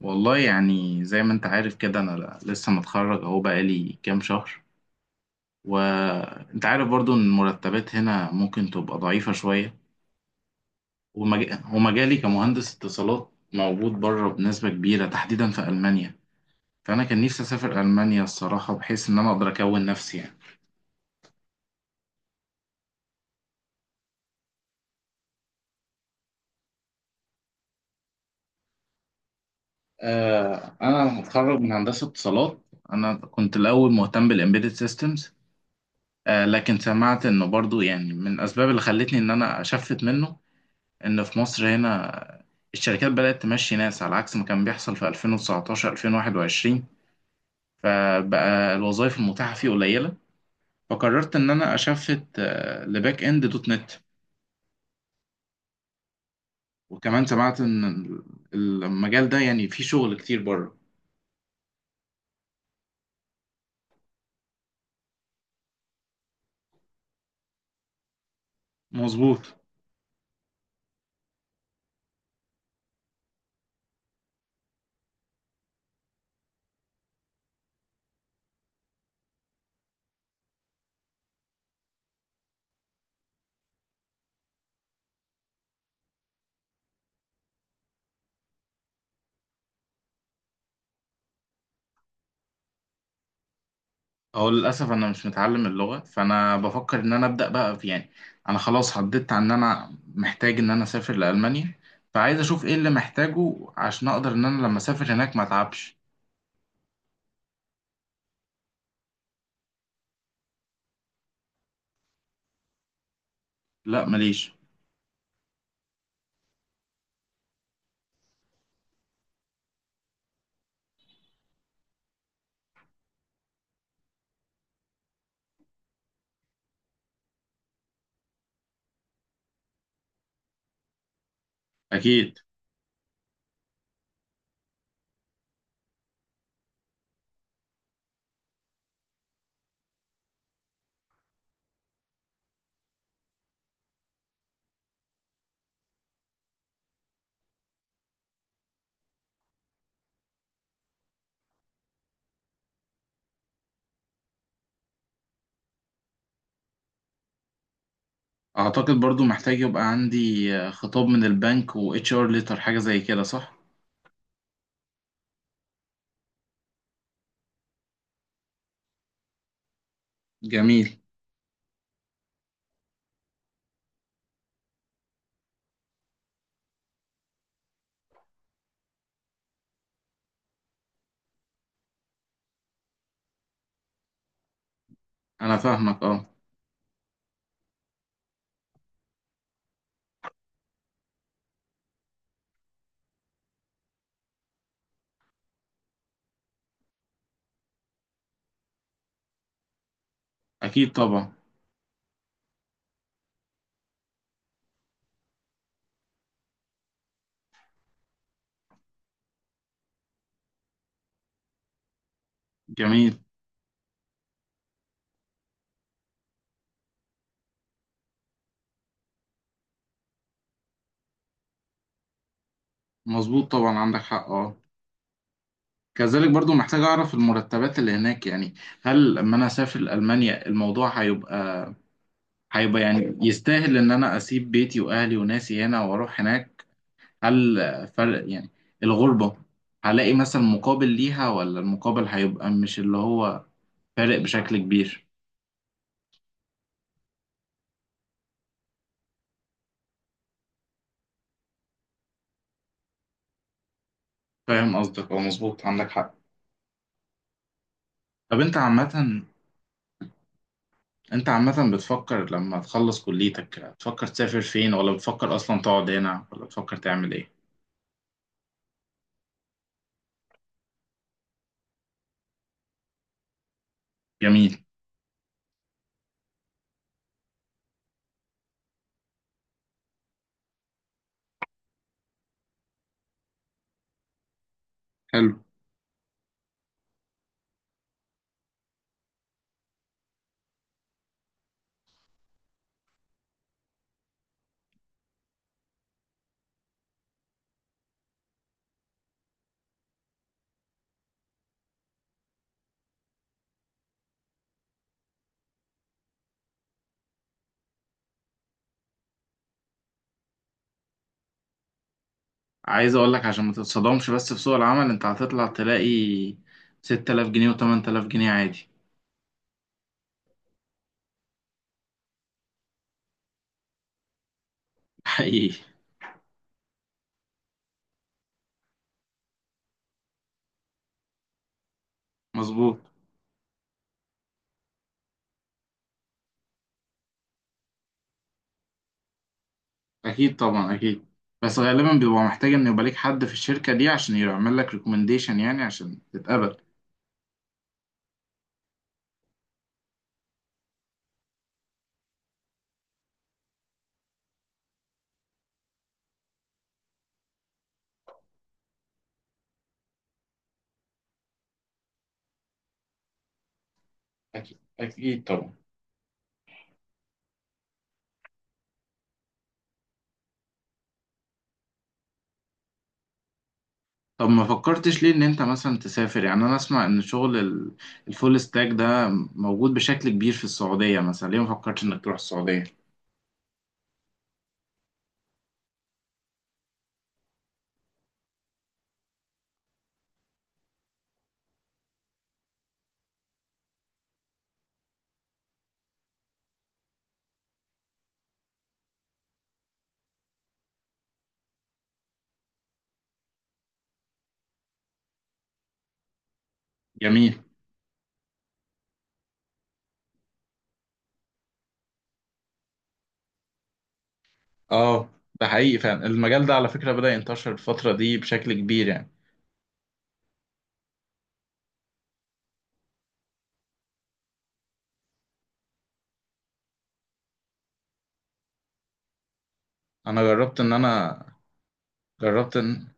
والله يعني زي ما انت عارف كده، انا لسه متخرج اهو بقالي كام شهر. وانت عارف برضو ان المرتبات هنا ممكن تبقى ضعيفة شوية. ومجالي كمهندس اتصالات موجود بره بنسبة كبيرة تحديدا في ألمانيا. فأنا كان نفسي أسافر ألمانيا الصراحة، بحيث إن أنا أقدر أكون نفسي يعني. آه، أنا متخرج من هندسة اتصالات. أنا كنت الأول مهتم بالإمبيدد سيستمز. آه، لكن سمعت إنه برضو يعني من الأسباب اللي خلتني إن أنا أشفت منه، إن في مصر هنا الشركات بدأت تمشي ناس على عكس ما كان بيحصل في 2019 2021. فبقى الوظائف المتاحة فيه قليلة. فقررت إن أنا أشفت لباك إند دوت نت. وكمان سمعت إن المجال ده يعني فيه شغل كتير بره. مظبوط. هو للأسف أنا مش متعلم اللغة، فأنا بفكر إن أنا أبدأ بقى في يعني. أنا خلاص حددت عن إن أنا محتاج إن أنا أسافر لألمانيا. فعايز أشوف إيه اللي محتاجه عشان أقدر إن أنا لما أسافر هناك ما أتعبش. لا ماليش. اكيد. اعتقد برضو محتاج يبقى عندي خطاب من البنك و اتش ار ليتر حاجه زي كده، صح؟ جميل. انا فاهمك اه. اكيد طبعا. جميل. مظبوط طبعا عندك حق اه. كذلك برضو محتاج اعرف المرتبات اللي هناك يعني. هل لما انا اسافر المانيا الموضوع هيبقى يعني يستاهل ان انا اسيب بيتي واهلي وناسي هنا واروح هناك؟ هل فرق يعني الغربه هلاقي مثلا مقابل ليها، ولا المقابل هيبقى مش اللي هو فارق بشكل كبير؟ فاهم قصدك اه، مظبوط عندك حق. طب انت عامة، بتفكر لما تخلص كليتك تفكر تسافر فين، ولا بتفكر اصلا تقعد هنا، ولا بتفكر تعمل ايه؟ جميل. حلو. عايز اقول لك عشان ما تتصدمش، بس في سوق العمل انت هتطلع تلاقي 6000 جنيه و8000 جنيه عادي. حقيقي. مظبوط. اكيد طبعا اكيد. بس غالبا بيبقى محتاج ان يبقى ليك حد في الشركة دي عشان يعمل لك ريكومنديشن يعني عشان تتقبل. أكيد أكيد طبعا. طب ما فكرتش ليه ان انت مثلا تسافر؟ يعني انا اسمع ان شغل الفول ستاك ده موجود بشكل كبير في السعودية، مثلا ليه ما فكرتش انك تروح السعودية؟ جميل اه. ده حقيقي فعلا، المجال ده على فكرة بدأ ينتشر الفترة دي بشكل كبير يعني. انا جربت ان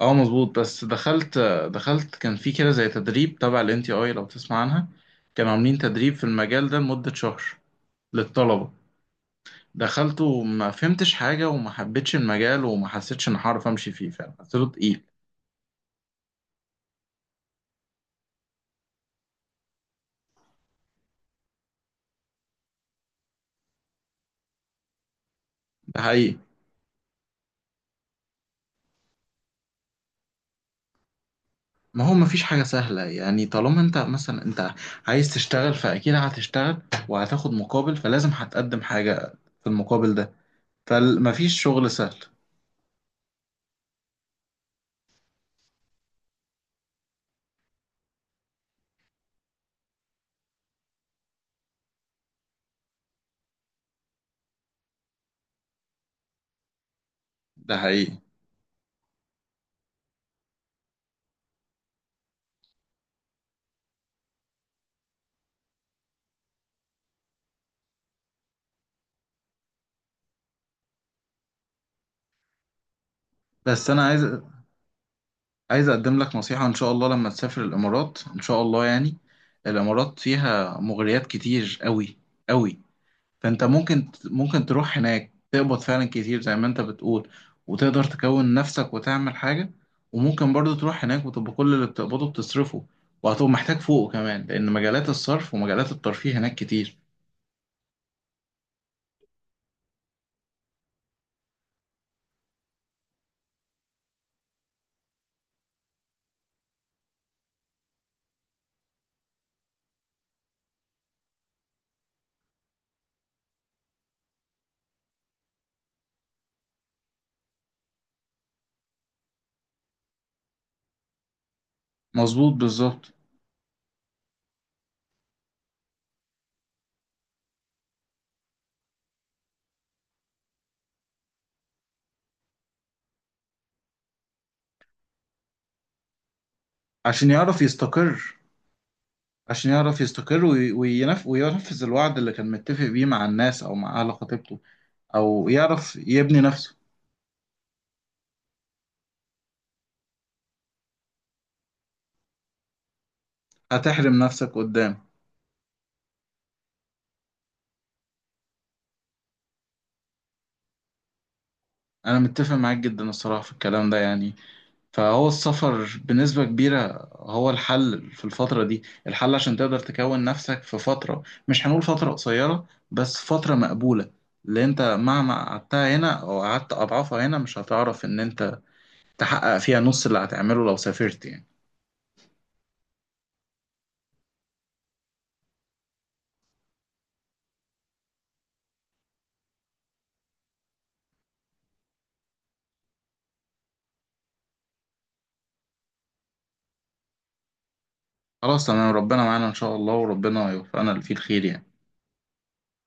اه مظبوط، بس دخلت كان في كده زي تدريب تبع ال NTI لو تسمع عنها. كانوا عاملين تدريب في المجال ده لمدة شهر للطلبة. دخلته وما فهمتش حاجة وما حبيتش المجال وما حسيتش إن هعرف أمشي فيه، فعلا حسيته تقيل. ده حقيقي. ما هو مفيش حاجة سهلة يعني، طالما أنت مثلا أنت عايز تشتغل فأكيد هتشتغل وهتاخد مقابل، فلازم هتقدم حاجة في المقابل ده، فمفيش شغل سهل. ده حقيقي. بس أنا عايز، أقدم لك نصيحة إن شاء الله، لما تسافر الإمارات إن شاء الله يعني. الإمارات فيها مغريات كتير أوي أوي. فانت ممكن، تروح هناك تقبض فعلا كتير زي ما انت بتقول، وتقدر تكون نفسك وتعمل حاجة. وممكن برضو تروح هناك وتبقى كل اللي بتقبضه بتصرفه، وهتبقى محتاج فوقه كمان لأن مجالات الصرف ومجالات الترفيه هناك كتير. مظبوط بالظبط. عشان يعرف يستقر. عشان يعرف يستقر وينفذ الوعد اللي كان متفق بيه مع الناس أو مع أهل خطيبته، أو يعرف يبني نفسه. هتحرم نفسك قدام. أنا متفق معاك جدا الصراحة في الكلام ده يعني. فهو السفر بنسبة كبيرة هو الحل في الفترة دي، الحل عشان تقدر تكون نفسك في فترة مش هنقول فترة قصيرة بس فترة مقبولة، اللي انت مهما قعدتها هنا او قعدت اضعافها هنا مش هتعرف ان انت تحقق فيها نص اللي هتعمله لو سافرت يعني. خلاص تمام، ربنا معانا ان شاء الله وربنا يوفقنا اللي فيه الخير يعني.